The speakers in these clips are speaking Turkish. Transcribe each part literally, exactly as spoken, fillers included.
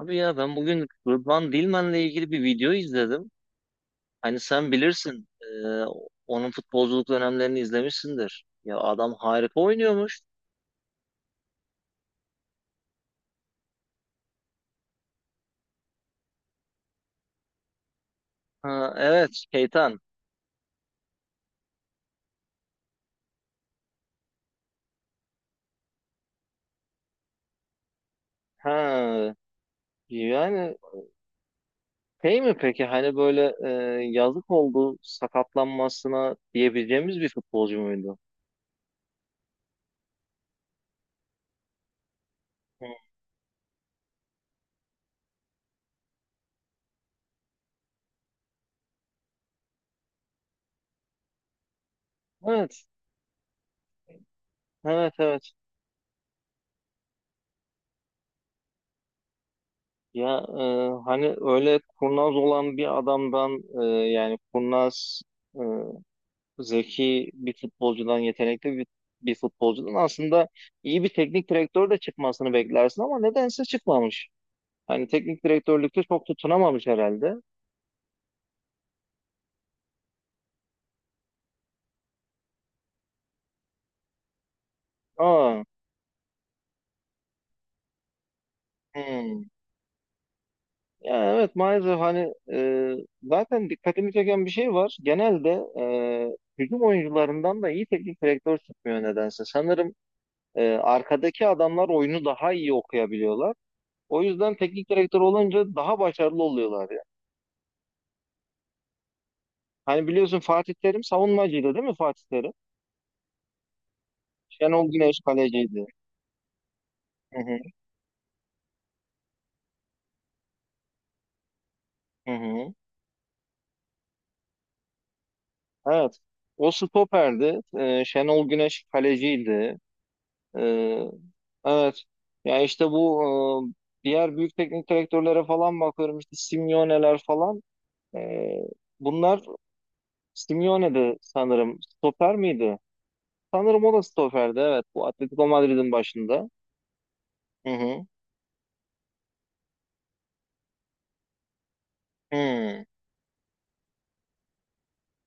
Abi ya ben bugün Rıdvan Dilmen'le ilgili bir video izledim. Hani sen bilirsin, e, onun futbolculuk dönemlerini izlemişsindir. Ya adam harika oynuyormuş. Ha, evet, Keytan. Ha, yani şey mi peki hani böyle e, yazık oldu sakatlanmasına diyebileceğimiz bir futbolcu muydu? Hı, Evet, evet, evet. Ya e, hani öyle kurnaz olan bir adamdan e, yani kurnaz zeki bir futbolcudan, yetenekli bir, bir futbolcudan aslında iyi bir teknik direktör de çıkmasını beklersin ama nedense çıkmamış. Hani teknik direktörlükte çok tutunamamış herhalde. Aa, hmm. Ya evet maalesef hani e, zaten dikkatimi çeken bir şey var. Genelde e, hücum oyuncularından da iyi teknik direktör çıkmıyor nedense. Sanırım e, arkadaki adamlar oyunu daha iyi okuyabiliyorlar. O yüzden teknik direktör olunca daha başarılı oluyorlar Hani biliyorsun Fatih Terim savunmacıydı değil mi Fatih Terim? Şenol Güneş kaleciydi. Hı hı, hı hı. Evet. O stoperdi. Ee, Şenol Güneş kaleciydi. Ee, evet. Ya işte bu e, diğer büyük teknik direktörlere falan bakıyorum işte Simeone'ler falan. Ee, bunlar Simeone'di sanırım. Stoper miydi? Sanırım o da stoperdi evet. Bu Atletico Madrid'in başında. Hı hı. Hı.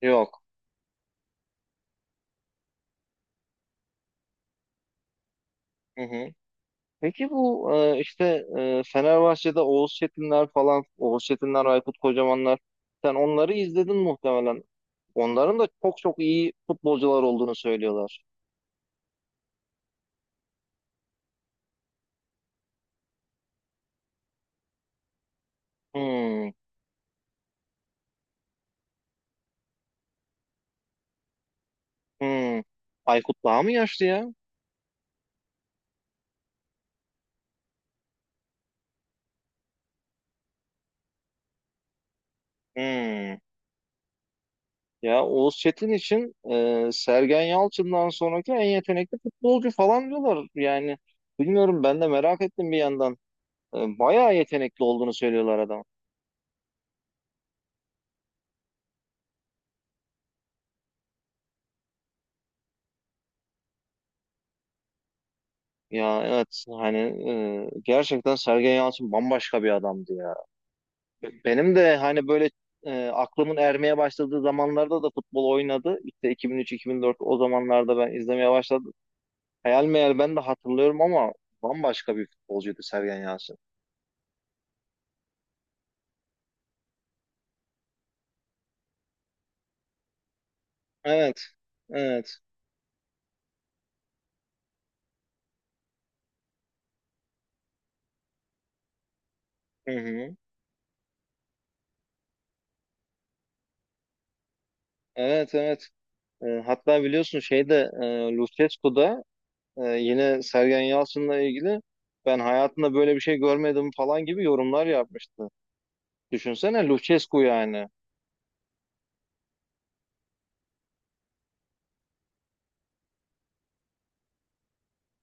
Yok. Hı hı. Peki bu e, işte e, Fenerbahçe'de Oğuz Çetinler falan, Oğuz Çetinler, Aykut Kocamanlar. Sen onları izledin muhtemelen. Onların da çok çok iyi futbolcular olduğunu söylüyorlar. Hmm, hmm. Aykut daha mı yaşlı ya? Hmm. Ya Oğuz Çetin için e, Sergen Yalçın'dan sonraki en yetenekli futbolcu falan diyorlar. Yani bilmiyorum ben de merak ettim bir yandan. E, bayağı yetenekli olduğunu söylüyorlar adam. Ya evet hani e, gerçekten Sergen Yalçın bambaşka bir adamdı ya. Benim de hani böyle e, aklımın ermeye başladığı zamanlarda da futbol oynadı. İşte iki bin üç-iki bin dört o zamanlarda ben izlemeye başladım. Hayal meyal ben de hatırlıyorum ama bambaşka bir futbolcuydu Sergen Yalçın. Evet, evet, hı hı. Evet, evet. E, hatta biliyorsun şeyde e, Lucescu'da e, yine Sergen Yalçın'la ilgili ben hayatımda böyle bir şey görmedim falan gibi yorumlar yapmıştı. Düşünsene Lucescu yani.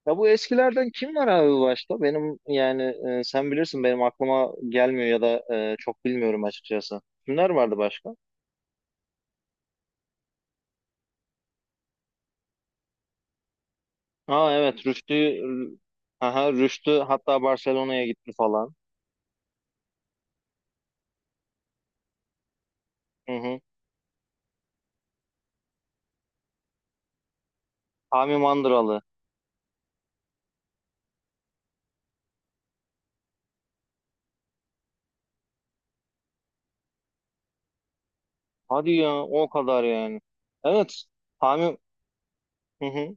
Ya bu eskilerden kim var abi başta? Benim yani e, sen bilirsin benim aklıma gelmiyor ya da e, çok bilmiyorum açıkçası. Kimler vardı başka? Ha, evet, Rüştü. Aha, Rüştü hatta Barcelona'ya gitti falan. Hı hı. Hami Mandıralı. Hadi ya, o kadar yani. Evet, Hami, hı hı.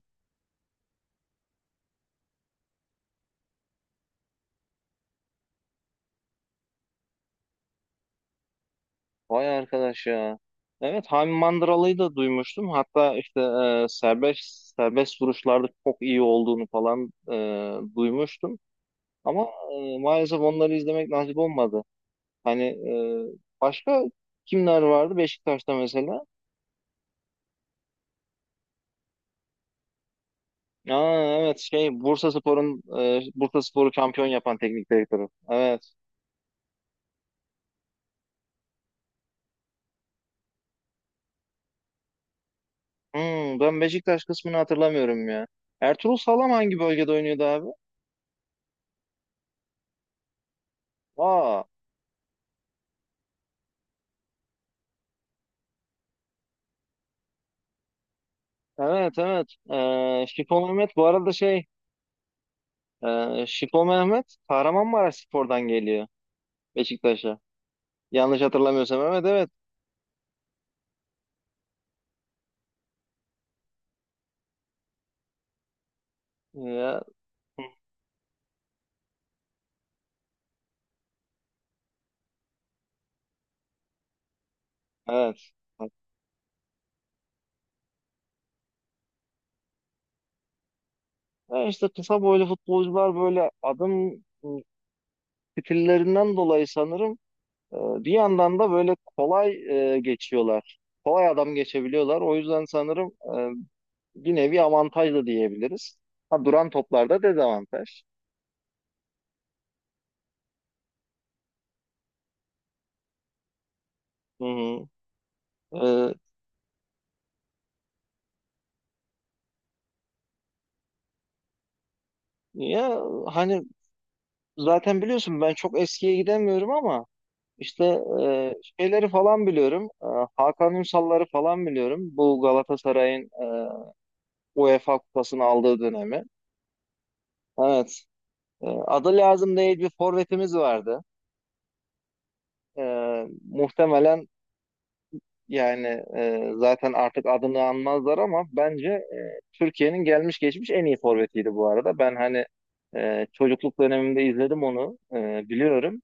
Vay arkadaş ya. Evet, Hami Mandıralı'yı da duymuştum. Hatta işte e, serbest serbest vuruşlarda çok iyi olduğunu falan e, duymuştum. Ama e, maalesef onları izlemek nasip olmadı. Hani e, başka kimler vardı Beşiktaş'ta mesela? Aa, evet, şey Bursaspor'un e, Bursaspor'u şampiyon yapan teknik direktörü. Evet. Hmm, ben Beşiktaş kısmını hatırlamıyorum ya. Ertuğrul Sağlam hangi bölgede oynuyordu abi? Aa, evet evet. E, Şipo Mehmet bu arada şey e, Şipo Mehmet Kahramanmaraşspor'dan geliyor Beşiktaş'a. Yanlış hatırlamıyorsam evet evet. Ya, evet. Ya işte kısa boylu futbolcular böyle adım stillerinden dolayı sanırım e, bir yandan da böyle kolay e, geçiyorlar. Kolay adam geçebiliyorlar. O yüzden sanırım e, bir nevi avantaj da diyebiliriz. Ha, duran toplarda dezavantaj. Hı hı. E, ya hani zaten biliyorsun ben çok eskiye gidemiyorum ama işte e, şeyleri falan biliyorum. E, Hakan Ünsal'ları falan biliyorum. Bu Galatasaray'ın e, UEFA kupasını aldığı dönemi. Evet. Ee, adı lazım değil bir forvetimiz vardı. Ee, muhtemelen yani e, zaten artık adını anmazlar ama bence e, Türkiye'nin gelmiş geçmiş en iyi forvetiydi bu arada. Ben hani e, çocukluk dönemimde izledim onu e, biliyorum.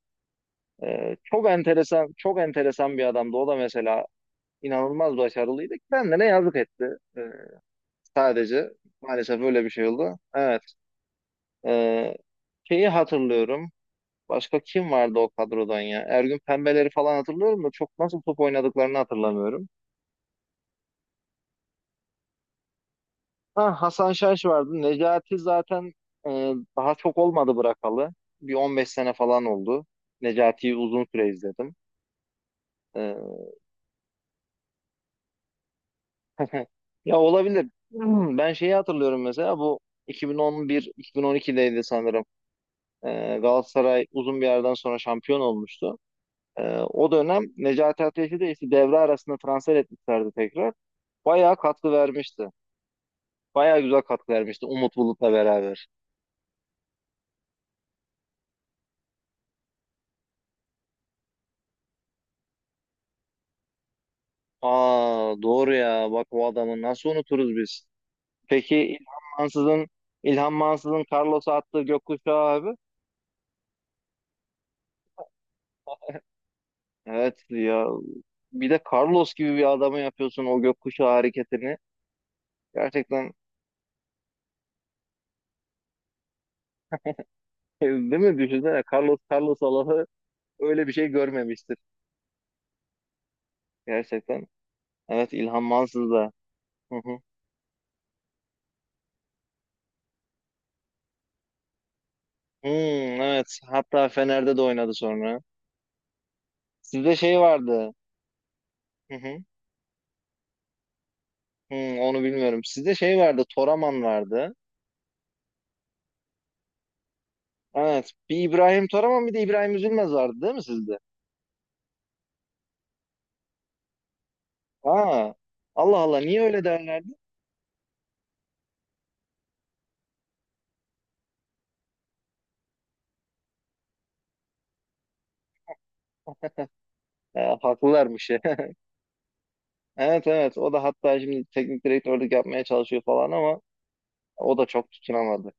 E, çok enteresan çok enteresan bir adamdı. O da mesela inanılmaz başarılıydı. Kendine yazık etti. E, sadece maalesef öyle bir şey oldu. Evet. E, şeyi hatırlıyorum. Başka kim vardı o kadrodan ya? Ergün Pembeleri falan hatırlıyorum da çok nasıl top oynadıklarını hatırlamıyorum. Ha, Hasan Şaş vardı. Necati zaten e, daha çok olmadı bırakalı. Bir on beş sene falan oldu. Necati'yi uzun süre izledim. E, Ya olabilir. Hmm, Ben şeyi hatırlıyorum mesela bu iki bin on bir iki bin on ikideydi sanırım. E, Galatasaray uzun bir yerden sonra şampiyon olmuştu. E, o dönem Necati Ateş'i de işte devre arasında transfer etmişlerdi tekrar. Bayağı katkı vermişti. Bayağı güzel katkı vermişti Umut Bulut'la beraber. Aa, doğru ya. Bak, o adamı nasıl unuturuz biz? Peki İlhan Mansız'ın İlhan Mansız'ın Carlos'a attığı gökkuşağı abi. Evet ya. Bir de Carlos gibi bir adamı yapıyorsun o gökkuşağı hareketini. Gerçekten değil mi? Düşünsene Carlos Carlos Allah'ı öyle bir şey görmemiştir. Gerçekten. Evet, İlhan Mansız da. Hı hı. Hmm, evet. Hatta Fener'de de oynadı sonra. Sizde şey vardı. Hı hı. Hmm, onu bilmiyorum. Sizde şey vardı, Toraman vardı. Evet, bir İbrahim Toraman bir de İbrahim Üzülmez vardı değil mi sizde? Aa, Allah Allah, niye öyle derlerdi? Ha, haklılarmış ya. Evet evet, o da hatta şimdi teknik direktörlük yapmaya çalışıyor falan ama o da çok tutunamadı.